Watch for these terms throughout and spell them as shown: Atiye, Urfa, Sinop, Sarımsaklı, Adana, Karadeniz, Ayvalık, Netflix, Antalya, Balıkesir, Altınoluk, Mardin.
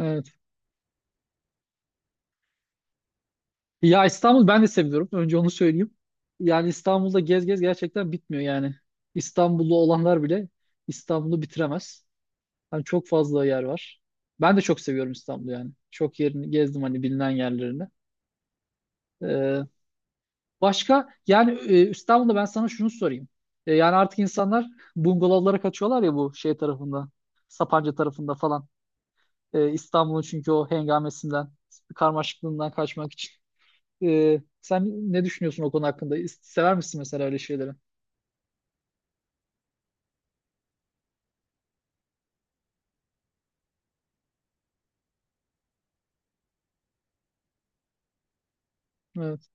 Evet. Ya İstanbul ben de seviyorum. Önce onu söyleyeyim. Yani İstanbul'da gez gez gerçekten bitmiyor yani. İstanbullu olanlar bile İstanbul'u bitiremez. Hani çok fazla yer var. Ben de çok seviyorum İstanbul'u yani. Çok yerini gezdim hani bilinen yerlerini. Ee, başka yani İstanbul'da ben sana şunu sorayım. Yani artık insanlar bungalovlara kaçıyorlar ya bu şey tarafında. Sapanca tarafında falan. İstanbul'un çünkü o hengamesinden, karmaşıklığından kaçmak için. Sen ne düşünüyorsun o konu hakkında? Sever misin mesela öyle şeyleri? Evet,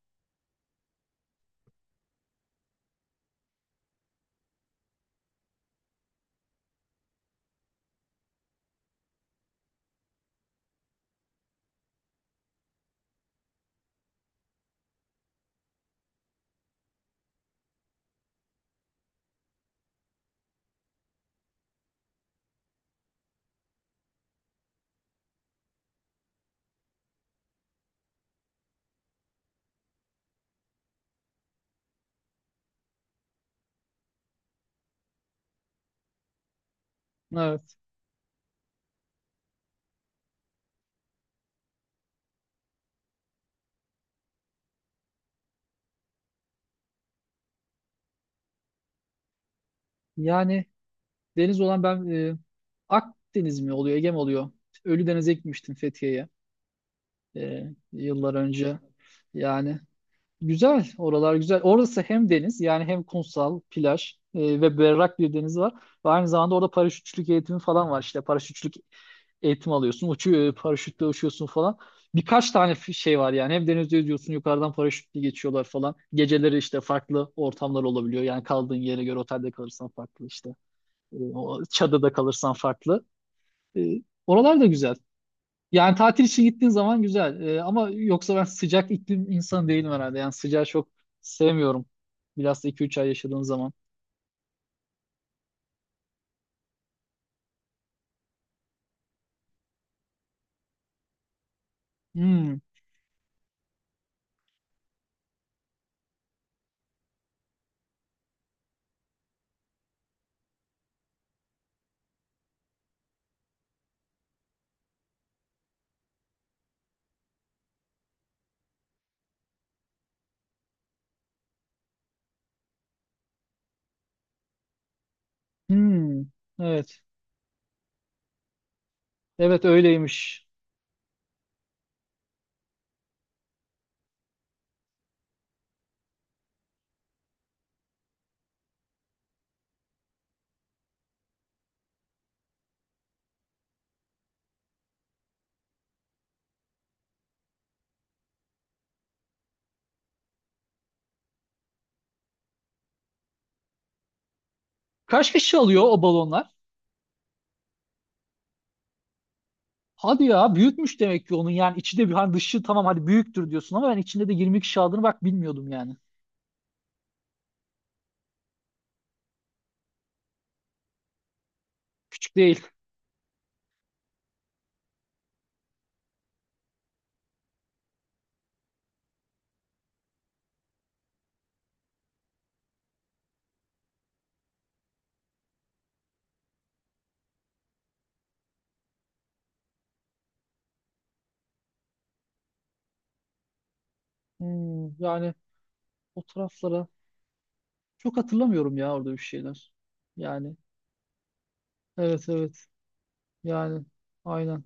evet. Yani deniz olan ben Akdeniz mi oluyor, Ege mi oluyor? Ölüdeniz'e gitmiştim Fethiye'ye yıllar önce. Yani güzel, oralar güzel. Orası hem deniz yani hem kumsal, plaj ve berrak bir deniz var. Ve aynı zamanda orada paraşütçülük eğitimi falan var işte. Paraşütçülük eğitim alıyorsun. Uçuyor, paraşütle uçuyorsun falan. Birkaç tane şey var yani. Hem denizde yüzüyorsun, yukarıdan paraşütle geçiyorlar falan. Geceleri işte farklı ortamlar olabiliyor. Yani kaldığın yere göre otelde kalırsan farklı işte. O çadırda kalırsan farklı. E, Oralar da güzel. Yani tatil için gittiğin zaman güzel. Ama yoksa ben sıcak iklim insanı değilim herhalde. Yani sıcağı çok sevmiyorum. Bilhassa 2-3 ay yaşadığın zaman. Hmm, hmm. Evet. Evet öyleymiş. Kaç kişi alıyor o balonlar? Hadi ya büyükmüş demek ki onun yani içi de hani dışı tamam hadi büyüktür diyorsun ama ben içinde de 22 kişi aldığını bak bilmiyordum yani. Küçük değil. Hmm, yani o taraflara çok hatırlamıyorum ya orada bir şeyler. Yani evet, evet, yani aynen.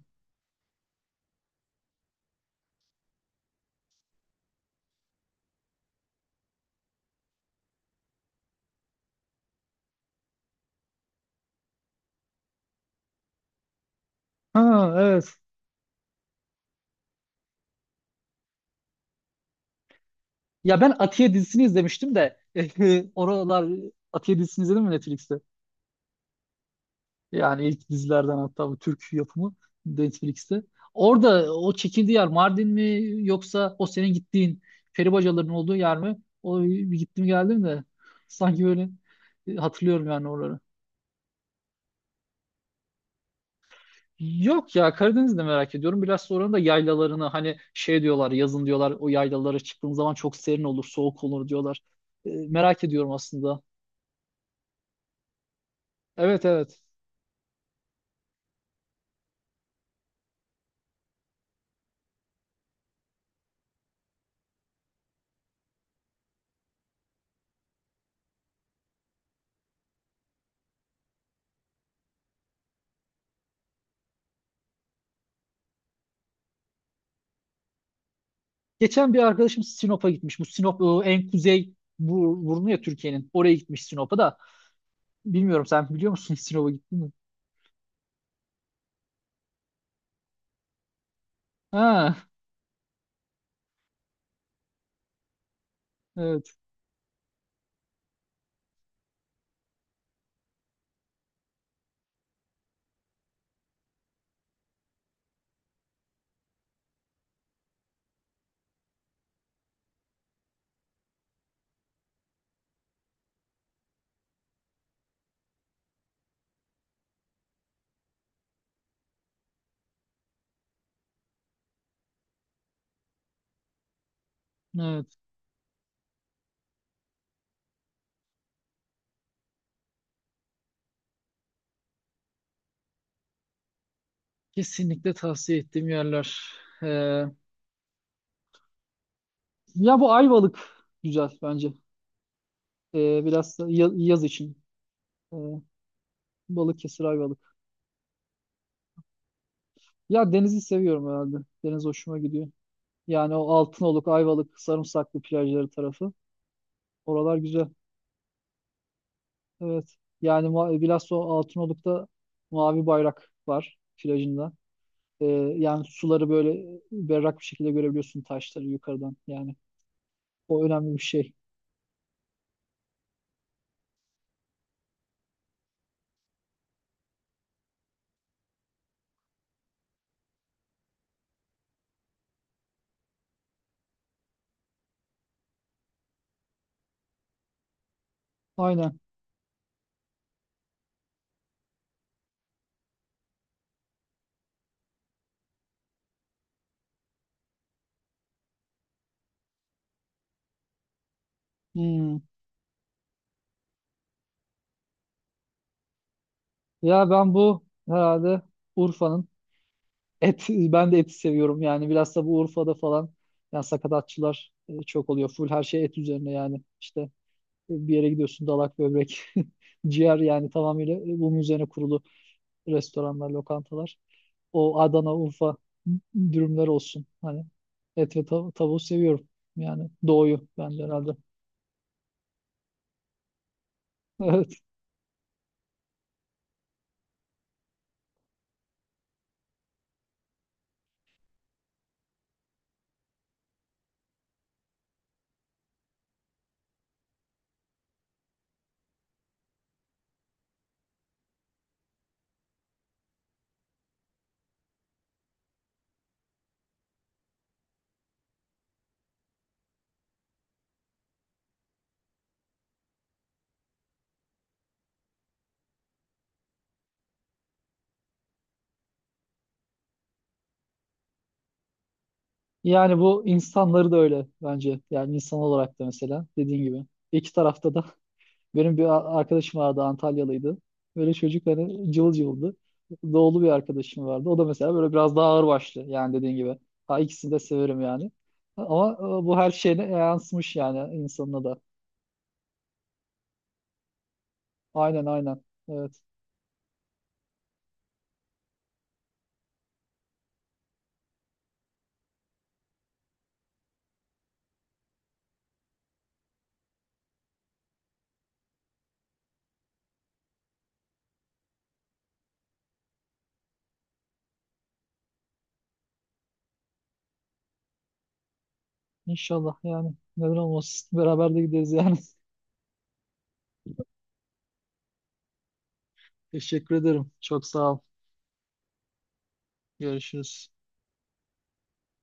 Ha, evet. Ya ben Atiye dizisini izlemiştim de oralar Atiye dizisini izledin mi Netflix'te? Yani ilk dizilerden hatta bu Türk yapımı Netflix'te. Orada o çekildiği yer Mardin mi yoksa o senin gittiğin peribacaların olduğu yer mi? O bir gittim geldim de sanki böyle hatırlıyorum yani oraları. Yok ya Karadeniz'de merak ediyorum. Biraz sonra da yaylalarını hani şey diyorlar yazın diyorlar o yaylalara çıktığın zaman çok serin olur soğuk olur diyorlar. Merak ediyorum aslında. Evet, evet. Geçen bir arkadaşım Sinop'a gitmiş. Bu Sinop en kuzey burnu ya Türkiye'nin. Oraya gitmiş Sinop'a da. Bilmiyorum sen biliyor musun Sinop'a gittin mi? Ha, evet, evet. Kesinlikle tavsiye ettiğim yerler. Ee, ya bu Ayvalık güzel bence. Biraz da yaz için. Ee, Balıkesir Ayvalık. Ya denizi seviyorum herhalde. Deniz hoşuma gidiyor. Yani o Altınoluk, Ayvalık, Sarımsaklı plajları tarafı. Oralar güzel. Evet. Yani bilhassa o Altınoluk'ta mavi bayrak var plajında. Ee, yani suları böyle berrak bir şekilde görebiliyorsun taşları yukarıdan yani. O önemli bir şey. Aynen. Hmm. Ya ben bu herhalde Urfa'nın et ben de eti seviyorum yani biraz da bu Urfa'da falan yani sakatatçılar çok oluyor. Full her şey et üzerine yani işte bir yere gidiyorsun dalak böbrek ciğer yani tamamıyla bunun üzerine kurulu restoranlar, lokantalar. O Adana, Urfa dürümler olsun. Hani et ve tavuğu seviyorum. Yani doğuyu ben de herhalde. Yani bu insanları da öyle bence. Yani insan olarak da mesela dediğin gibi. İki tarafta da benim bir arkadaşım vardı Antalyalıydı. Böyle çocuk hani cıvıl cıvıldı. Doğulu bir arkadaşım vardı. O da mesela böyle biraz daha ağırbaşlı yani dediğin gibi. Ha, ikisini de severim yani. Ama bu her şeyine yansımış yani insanına da. Aynen, aynen. Evet. İnşallah yani neden olmasın. Beraber de gideriz yani. Teşekkür ederim. Çok sağ ol. Görüşürüz.